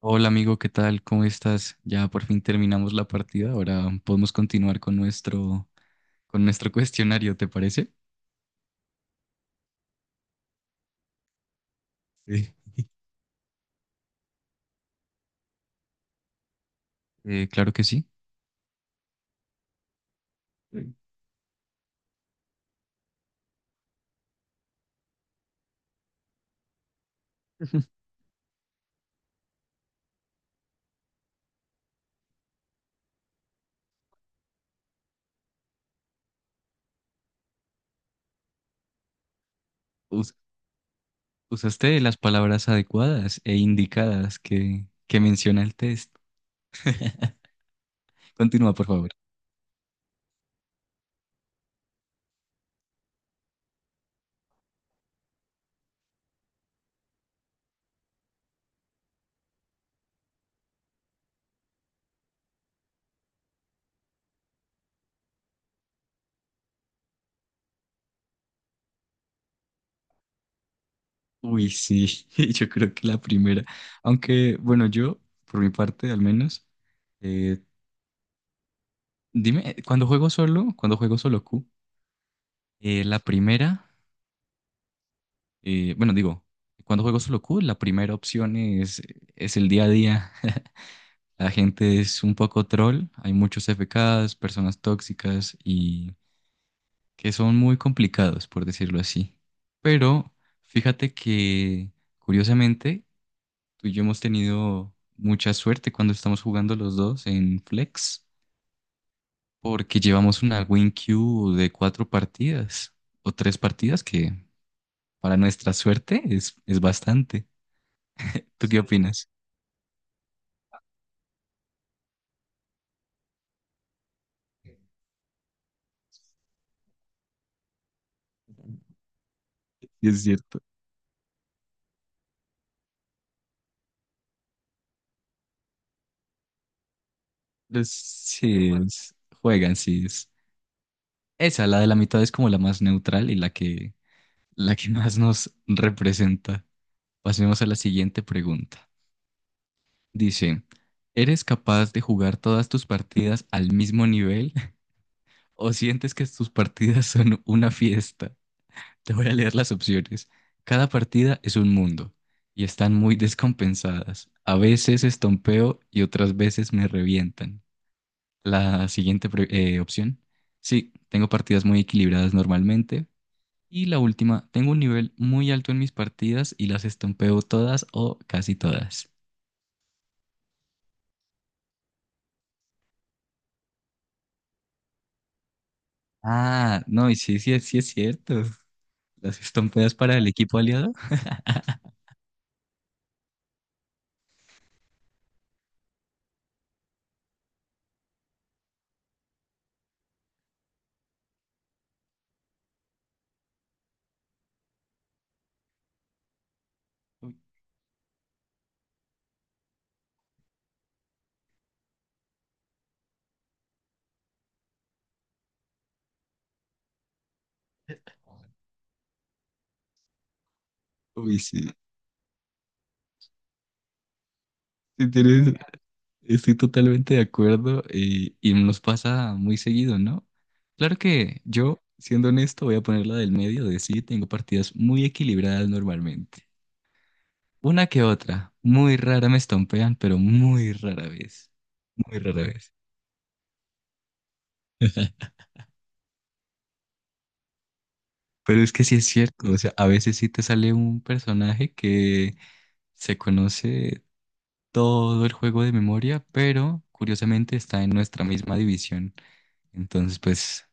Hola amigo, ¿qué tal? ¿Cómo estás? Ya por fin terminamos la partida. Ahora podemos continuar con nuestro cuestionario, ¿te parece? Sí. Claro que sí. Us- Usaste las palabras adecuadas e indicadas que menciona el test. Continúa, por favor. Uy, sí, yo creo que la primera. Aunque, bueno, yo, por mi parte al menos, eh, dime, cuando juego solo Q, la primera. Bueno, digo, cuando juego solo Q, la primera opción es el día a día. La gente es un poco troll, hay muchos FKs, personas tóxicas y que son muy complicados, por decirlo así. Pero fíjate que, curiosamente, tú y yo hemos tenido mucha suerte cuando estamos jugando los dos en Flex, porque llevamos una win queue de cuatro partidas o tres partidas, que para nuestra suerte es bastante. ¿Tú qué Sí. opinas? Sí, es cierto. Los Sims juegan Sims. Esa, la de la mitad, es como la más neutral y la que más nos representa. Pasemos a la siguiente pregunta. Dice, ¿eres capaz de jugar todas tus partidas al mismo nivel o sientes que tus partidas son una fiesta? Te voy a leer las opciones. Cada partida es un mundo y están muy descompensadas. A veces estompeo y otras veces me revientan. La siguiente opción. Sí, tengo partidas muy equilibradas normalmente. Y la última, tengo un nivel muy alto en mis partidas y las estompeo todas o casi todas. Ah, no, y sí, sí, sí es cierto. Las estompeas para el equipo aliado. Uy, sí. Sí, estoy totalmente de acuerdo y nos pasa muy seguido, ¿no? Claro que yo, siendo honesto, voy a poner la del medio de sí, tengo partidas muy equilibradas normalmente. Una que otra. Muy rara me estompean, pero muy rara vez. Muy rara vez. Pero es que sí es cierto, o sea, a veces sí te sale un personaje que se conoce todo el juego de memoria, pero curiosamente está en nuestra misma división. Entonces, pues,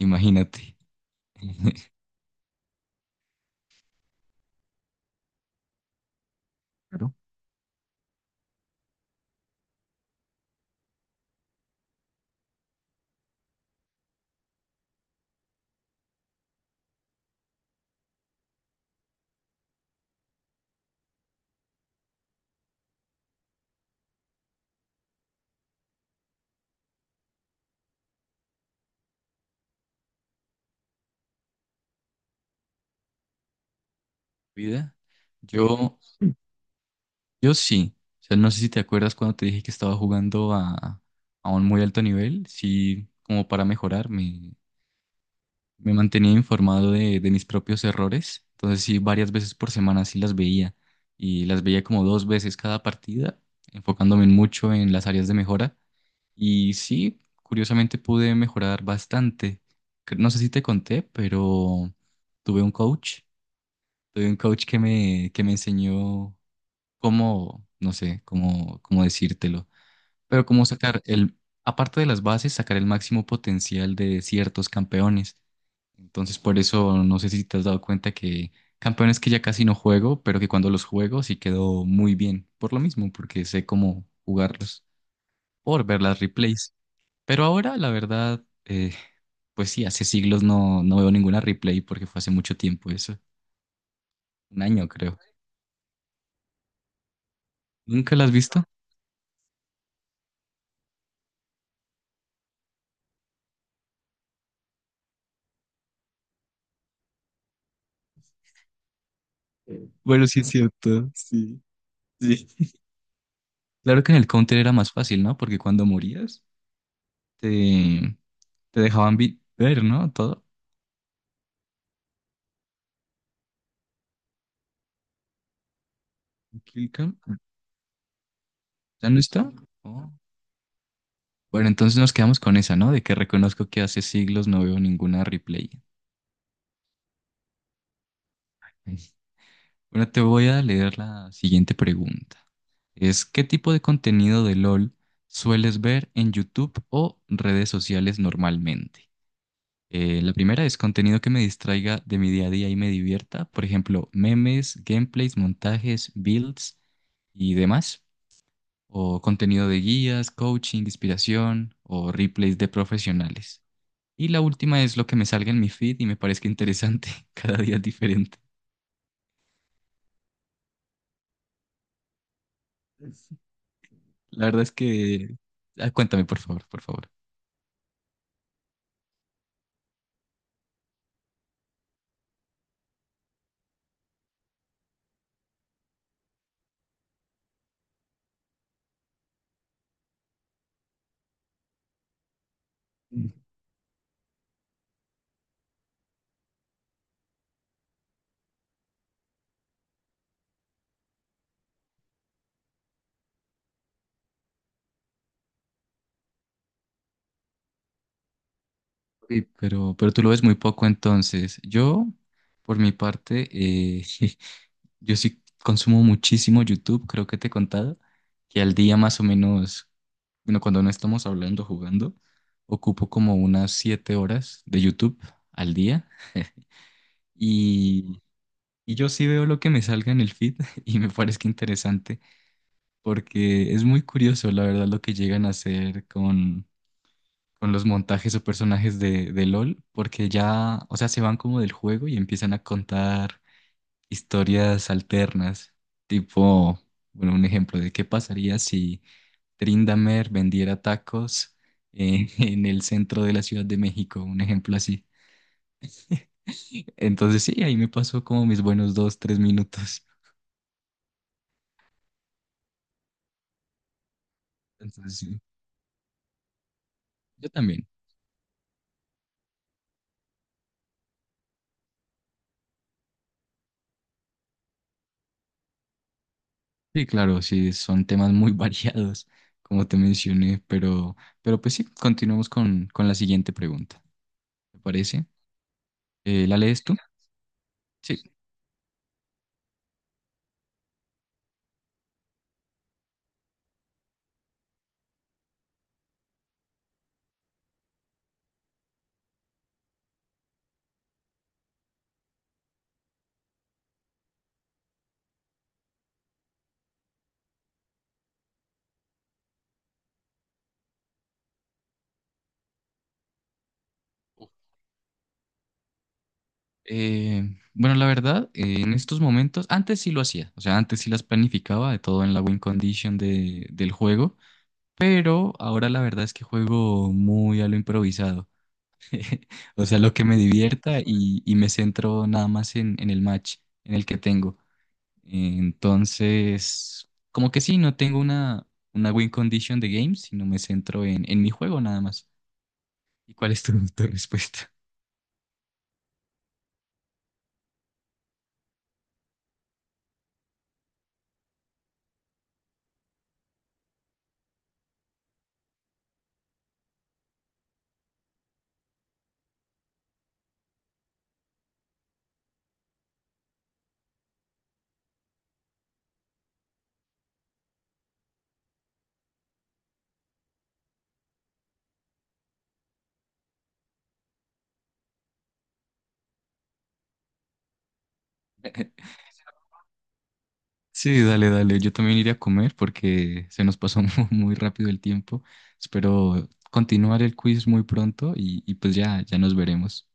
imagínate. Claro. Vida. Yo, yo sí. O sea, no sé si te acuerdas cuando te dije que estaba jugando a un muy alto nivel, sí, como para mejorar me mantenía informado de mis propios errores. Entonces sí, varias veces por semana sí las veía y las veía como dos veces cada partida, enfocándome en mucho en las áreas de mejora. Y sí, curiosamente pude mejorar bastante. No sé si te conté, pero tuve un coach, tuve un coach que me enseñó cómo, no sé, cómo, cómo decírtelo, pero cómo sacar el, aparte de las bases, sacar el máximo potencial de ciertos campeones. Entonces, por eso no sé si te has dado cuenta que campeones que ya casi no juego, pero que cuando los juego sí quedó muy bien. Por lo mismo, porque sé cómo jugarlos, por ver las replays. Pero ahora, la verdad, pues sí, hace siglos no veo ninguna replay porque fue hace mucho tiempo eso. Un año, creo. ¿Nunca las has visto? Bueno, sí es cierto, sí, sí. Claro que en el Counter era más fácil, ¿no? Porque cuando morías, te, te dejaban ver, ¿no? Todo. Kill cam. ¿Ya no está? Oh. Bueno, entonces nos quedamos con esa, ¿no? De que reconozco que hace siglos no veo ninguna replay. Bueno, te voy a leer la siguiente pregunta. Es, ¿qué tipo de contenido de LOL sueles ver en YouTube o redes sociales normalmente? La primera es contenido que me distraiga de mi día a día y me divierta, por ejemplo, memes, gameplays, montajes, builds y demás, o contenido de guías, coaching, inspiración o replays de profesionales. Y la última es lo que me salga en mi feed y me parezca interesante. Cada día es diferente. La verdad es que... ah, cuéntame, por favor, por favor. Sí, pero tú lo ves muy poco entonces. Yo, por mi parte, eh, yo sí consumo muchísimo YouTube, creo que te he contado, que al día más o menos, bueno, cuando no estamos hablando, jugando, ocupo como unas 7 horas de YouTube al día y, y yo sí veo lo que me salga en el feed y me parece interesante. Porque es muy curioso, la verdad, lo que llegan a hacer con los montajes o personajes de LOL, porque ya, o sea, se van como del juego y empiezan a contar historias alternas, tipo, bueno, un ejemplo de qué pasaría si Trindamer vendiera tacos en el centro de la Ciudad de México, un ejemplo así. Entonces, sí, ahí me pasó como mis buenos dos, tres minutos. Entonces, sí, yo también. Sí, claro, sí, son temas muy variados, como te mencioné, pero pues sí, continuamos con la siguiente pregunta, ¿te parece? ¿La lees tú? Sí. Bueno, la verdad, en estos momentos, antes sí lo hacía, o sea, antes sí las planificaba de todo en la win condition del juego, pero ahora la verdad es que juego muy a lo improvisado, o sea, lo que me divierta y me centro nada más en el match en el que tengo. Entonces, como que sí, no tengo una win condition de games, sino me centro en mi juego nada más. ¿Y cuál es tu respuesta? Sí, dale, dale. Yo también iré a comer porque se nos pasó muy rápido el tiempo. Espero continuar el quiz muy pronto y pues ya, ya nos veremos.